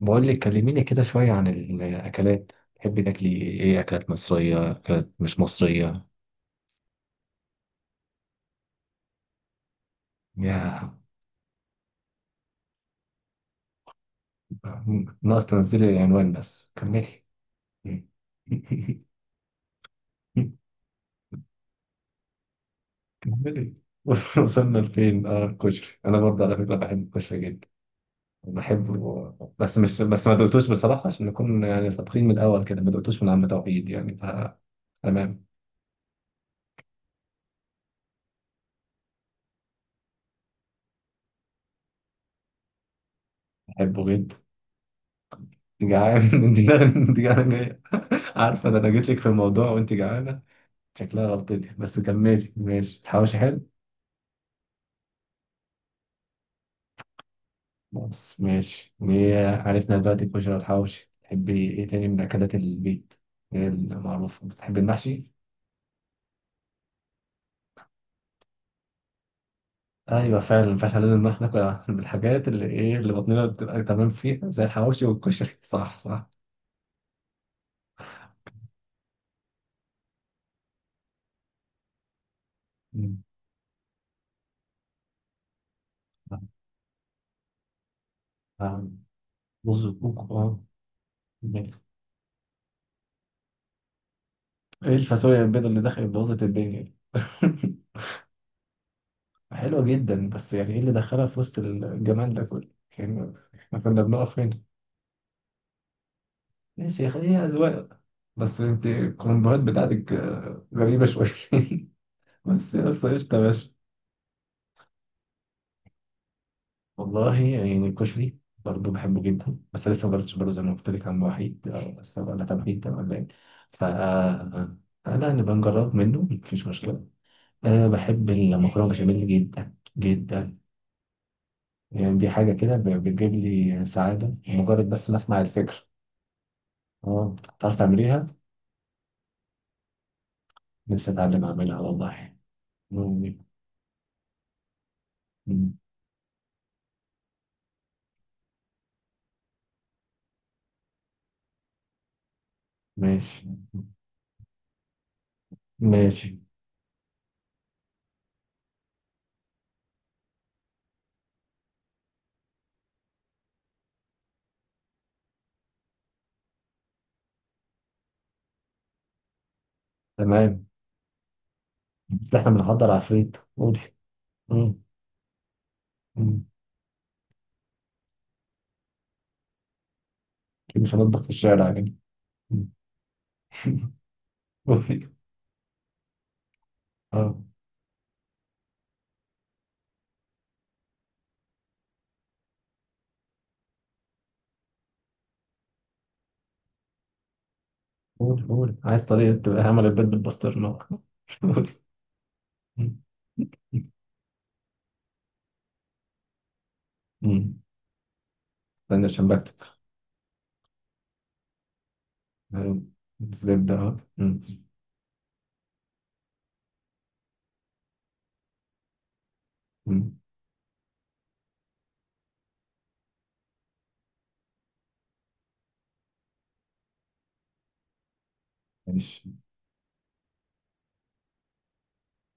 بقول لك كلميني كده شوية عن الأكلات، تحبي تاكلي إيه؟ أكلات مصرية، أكلات مش مصرية؟ يا ناقص تنزلي العنوان، بس كملي. كملي. وصلنا لفين؟ اه الكشري، انا برضه على فكره بحب الكشري جدا، بحبه، بس ما دقتوش بصراحه، عشان نكون يعني صادقين من الاول كده، ما دقتوش من عم توحيد يعني، تمام. بحبه جدا. انت جعان؟ انت جعان، انت جعان جاية. عارفه ده انا جيت لك في الموضوع وانت جعانه، شكلها غلطتي، بس كملي ماشي. الحواوشي حلو. بس ماشي إيه، عرفنا دلوقتي الكشري والحواوشي، تحبي ايه تاني من اكلات البيت؟ ايه المعروف، بتحبي المحشي؟ ايوه فعلا، فاحنا لازم إن احنا ناكل من الحاجات اللي ايه اللي بطننا بتبقى تمام فيها زي الحواوشي والكشري. صح صح. مم. آه، رز وكوكو اه. ماشي. ايه الفاصوليا البيضاء اللي دخلت بوظت الدنيا دي؟ حلوه جدا، بس يعني ايه اللي دخلها في وسط الجمال ده كله؟ يعني احنا كنا بنقف هنا. ماشي، هي أذواق. بس انت الكومبوهات بتاعتك آه، غريبة شوية. بس يا اسطى، قشطة يا باشا. والله يعني الكشري برضه بحبه جدا، بس لسه ما جربتش برضه زي ما قلت لك عن وحيد آه، بس ولا تمهيد تمام باين. ف لا نبقى نجرب منه، مفيش مشكلة. أه بحب المكرونة بشاميل جدا جدا، يعني دي حاجة كده بتجيب لي سعادة مجرد بس ما أسمع الفكرة. اه تعرف تعمليها؟ نفسي أتعلم أعملها والله. مم. مم. ماشي. ماشي. تمام. بس احنا بنحضر عفريت، قولي. مم. مم. أكيد مش هنطبخ في الشارع يعني. مم. قولي. اه. قولي قولي، عايز طريقة تبقى عمل البيض بالبسطرمة. قولي. مم. مم. استنى عشان بكتب. مم. الزبدة اهو، مم. مم. ماشي.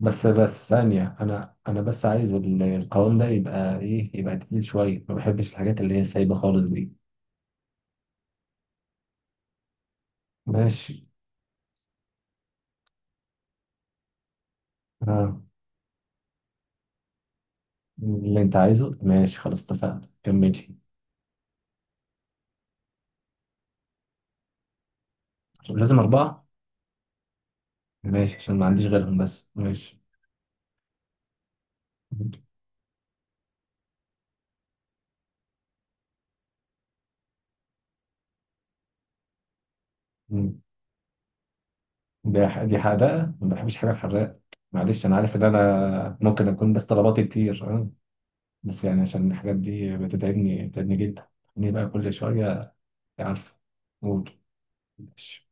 بس ثانية، أنا بس عايز القوام ده يبقى إيه، يبقى تقيل شوية، ما بحبش الحاجات اللي هي سايبة خالص دي. ماشي. اه، اللي أنت عايزه ماشي، خلاص اتفقنا، كملي. لازم أربعة. ماشي، عشان ما عنديش غيرهم، بس ماشي. مم. دي حدائق. ما بحبش حاجة حراقة، معلش أنا عارف إن أنا ممكن أكون بس طلباتي كتير أه. بس يعني عشان الحاجات دي بتتعبني، بتتعبني جدا إني بقى كل شوية. عارف. قول. ماشي.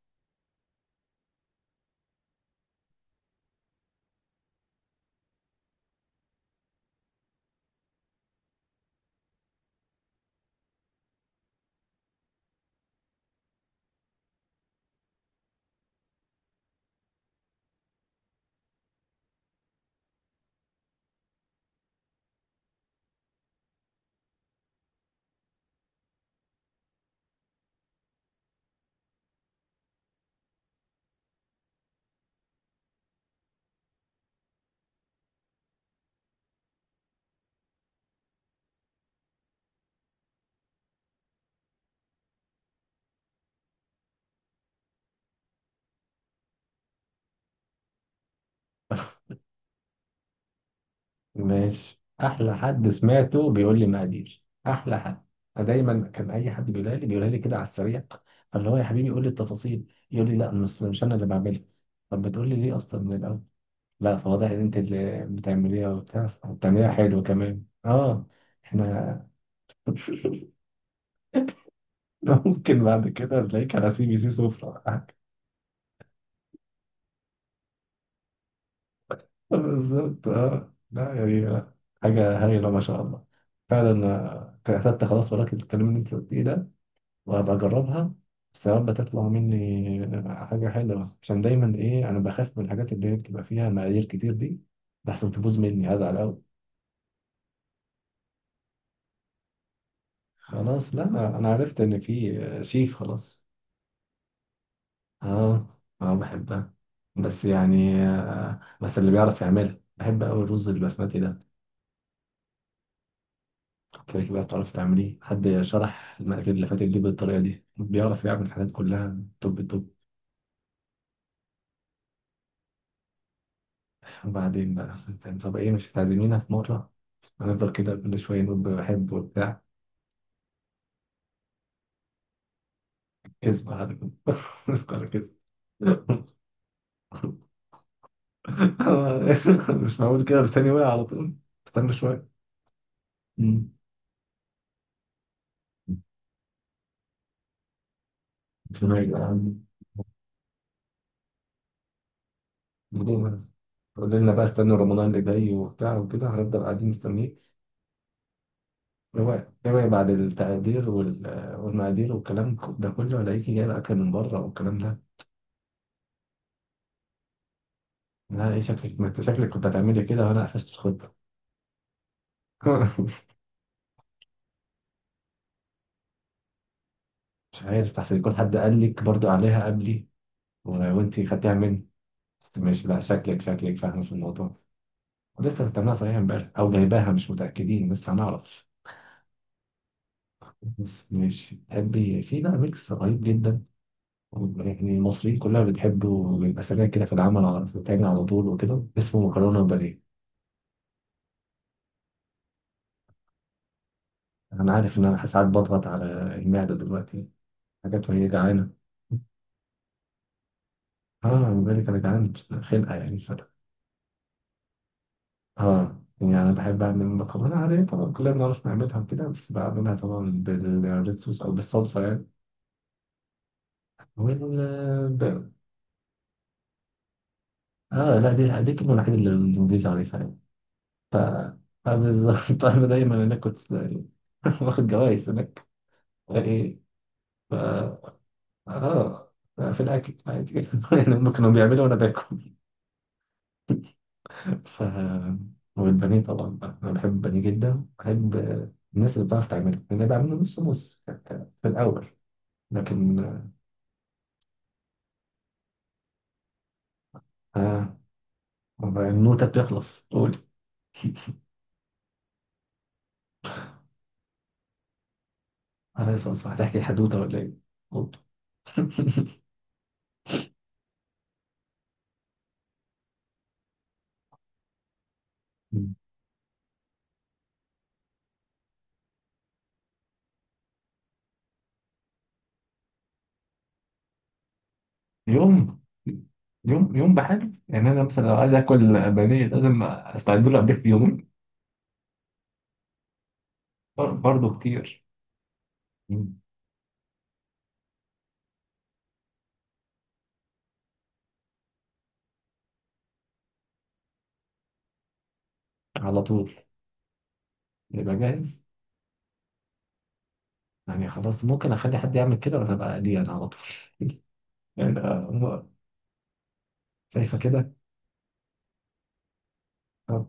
ماشي، أحلى حد سمعته بيقول لي مقادير، أحلى حد. أنا دايما كان أي حد بيقولها لي كده على السريع، فاللي هو يا حبيبي قول لي التفاصيل، يقول لي لا، مش أنا اللي بعملها. طب بتقول لي ليه أصلا من الأول؟ لا فواضح ان انت اللي بتعمليها وبتاع، بتعمليها حلو كمان اه. احنا ممكن بعد كده نلاقيك على سي بي سي سفرة ولا حاجة. بالظبط اه، لا يعني لا. حاجة هايلة ما شاء الله. فعلا آه، كتبت خلاص وراك الكلام اللي انت قلتيه ده، وهبقى اجربها. بس يا رب تطلع مني حاجة حلوة، عشان دايما ايه انا بخاف من الحاجات اللي هي بتبقى فيها مقادير كتير دي، لحسن تبوظ مني هزعل قوي. خلاص، لا انا عرفت ان في آه، شيف. خلاص. اه. اه بحبها، بس يعني آه بس اللي بيعرف يعملها بحب قوي الرز البسمتي ده، كده كده بتعرف تعمليه. حد شرح المقادير اللي فاتت دي بالطريقه دي بيعرف يعمل الحاجات كلها توب توب. وبعدين بقى انت، طب ايه مش هتعزمينا في مره؟ هنفضل كده كل شويه نقول بحب وبتاع. كذب على على كده. مش معقول كده، لساني واقع على طول. استنى شويه. مم. مش معقول. تقول لنا بقى استنوا رمضان اللي جاي وبتاع وكده، هنفضل قاعدين مستنيين. هو هو بعد التقدير والمقادير والكلام ده كله الاقيكي جايبه اكل من بره والكلام ده. لا ايه شكلك، ما انت شكلك كنت هتعملي كده وانا قفشت الخطه. مش عارف، احسن يكون حد قال لك برضو عليها قبلي و- وانتي خدتيها مني. بس ماشي، لا شكلك، شكلك فاهمه في الموضوع. ولسه بتعملها صحيح امبارح او جايباها، مش متاكدين لسه هنعرف. بس ماشي. تحبي في بقى ميكس رهيب جدا، يعني المصريين كلها بتحبه، بيبقى سريع كده في العمل على بتاعنا على طول وكده، اسمه مكرونة وبانيه. أنا عارف إن أنا ساعات بضغط على المعدة دلوقتي حاجات وهي جعانة. آه من بالك أنا جعان خلقة، يعني فتح. آه يعني أنا بحب أعمل مكرونة عادية طبعا، كلنا بنعرف نعملها وكده، بس بعملها طبعا بالريد صوص أو بالصلصة يعني. وال آه لا، دي الكلمة الوحيدة اللي الإنجليزي عارفها يعني، ف فبالظبط. أنا دايما هناك كنت. واخد جوايز هناك، إيه اه في الاكل عادي. يعني هم كانوا بيعملوا وانا باكل. ف والبانيه طبعا بقى. انا بحب البانيه جدا، بحب الناس اللي بتعرف تعمله، لان أنا بعمله نص نص في الاول، لكن آه. النوته بتخلص، قولي. انا صح، هتحكي حدوته ولا ايه؟ قولي. يوم يوم. يوم بحاله يعني، انا مثلا لو عايز اكل بانيه لازم استعد له قبلها بيومين. برضه كتير. مم. على طول يبقى جاهز. يعني خلاص ممكن اخلي حد يعمل كده، ولا ابقى دي انا على طول. يعني آه، شايفه كده. آه،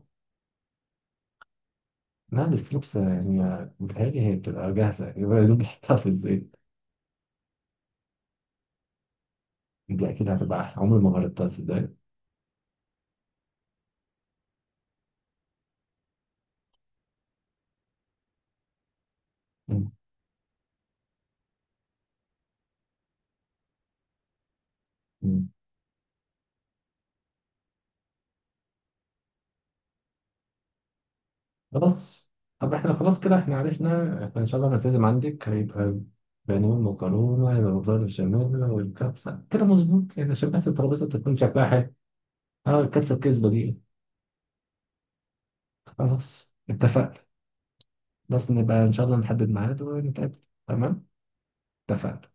لا لسه لبسه يعني آه، بتهيألي هي بتبقى جاهزه. يبقى يا دوب بحطها في الزيت. دي اكيد هتبقى احلى، عمري ما جربتها تصدق. مم. مم. خلاص. طب احنا خلاص كده احنا عرفنا، احنا ان شاء الله هنلتزم عندك. هيبقى بانيه، المكرونه هيبقى مكرونه بشاميل، والكبسه كده مظبوط يعني، عشان بس الترابيزه تكون شكلها حلو. اه الكبسه الكذبه دي. خلاص اتفقنا. خلاص نبقى ان شاء الله نحدد ميعاد ونتقابل. تمام. اتفقنا.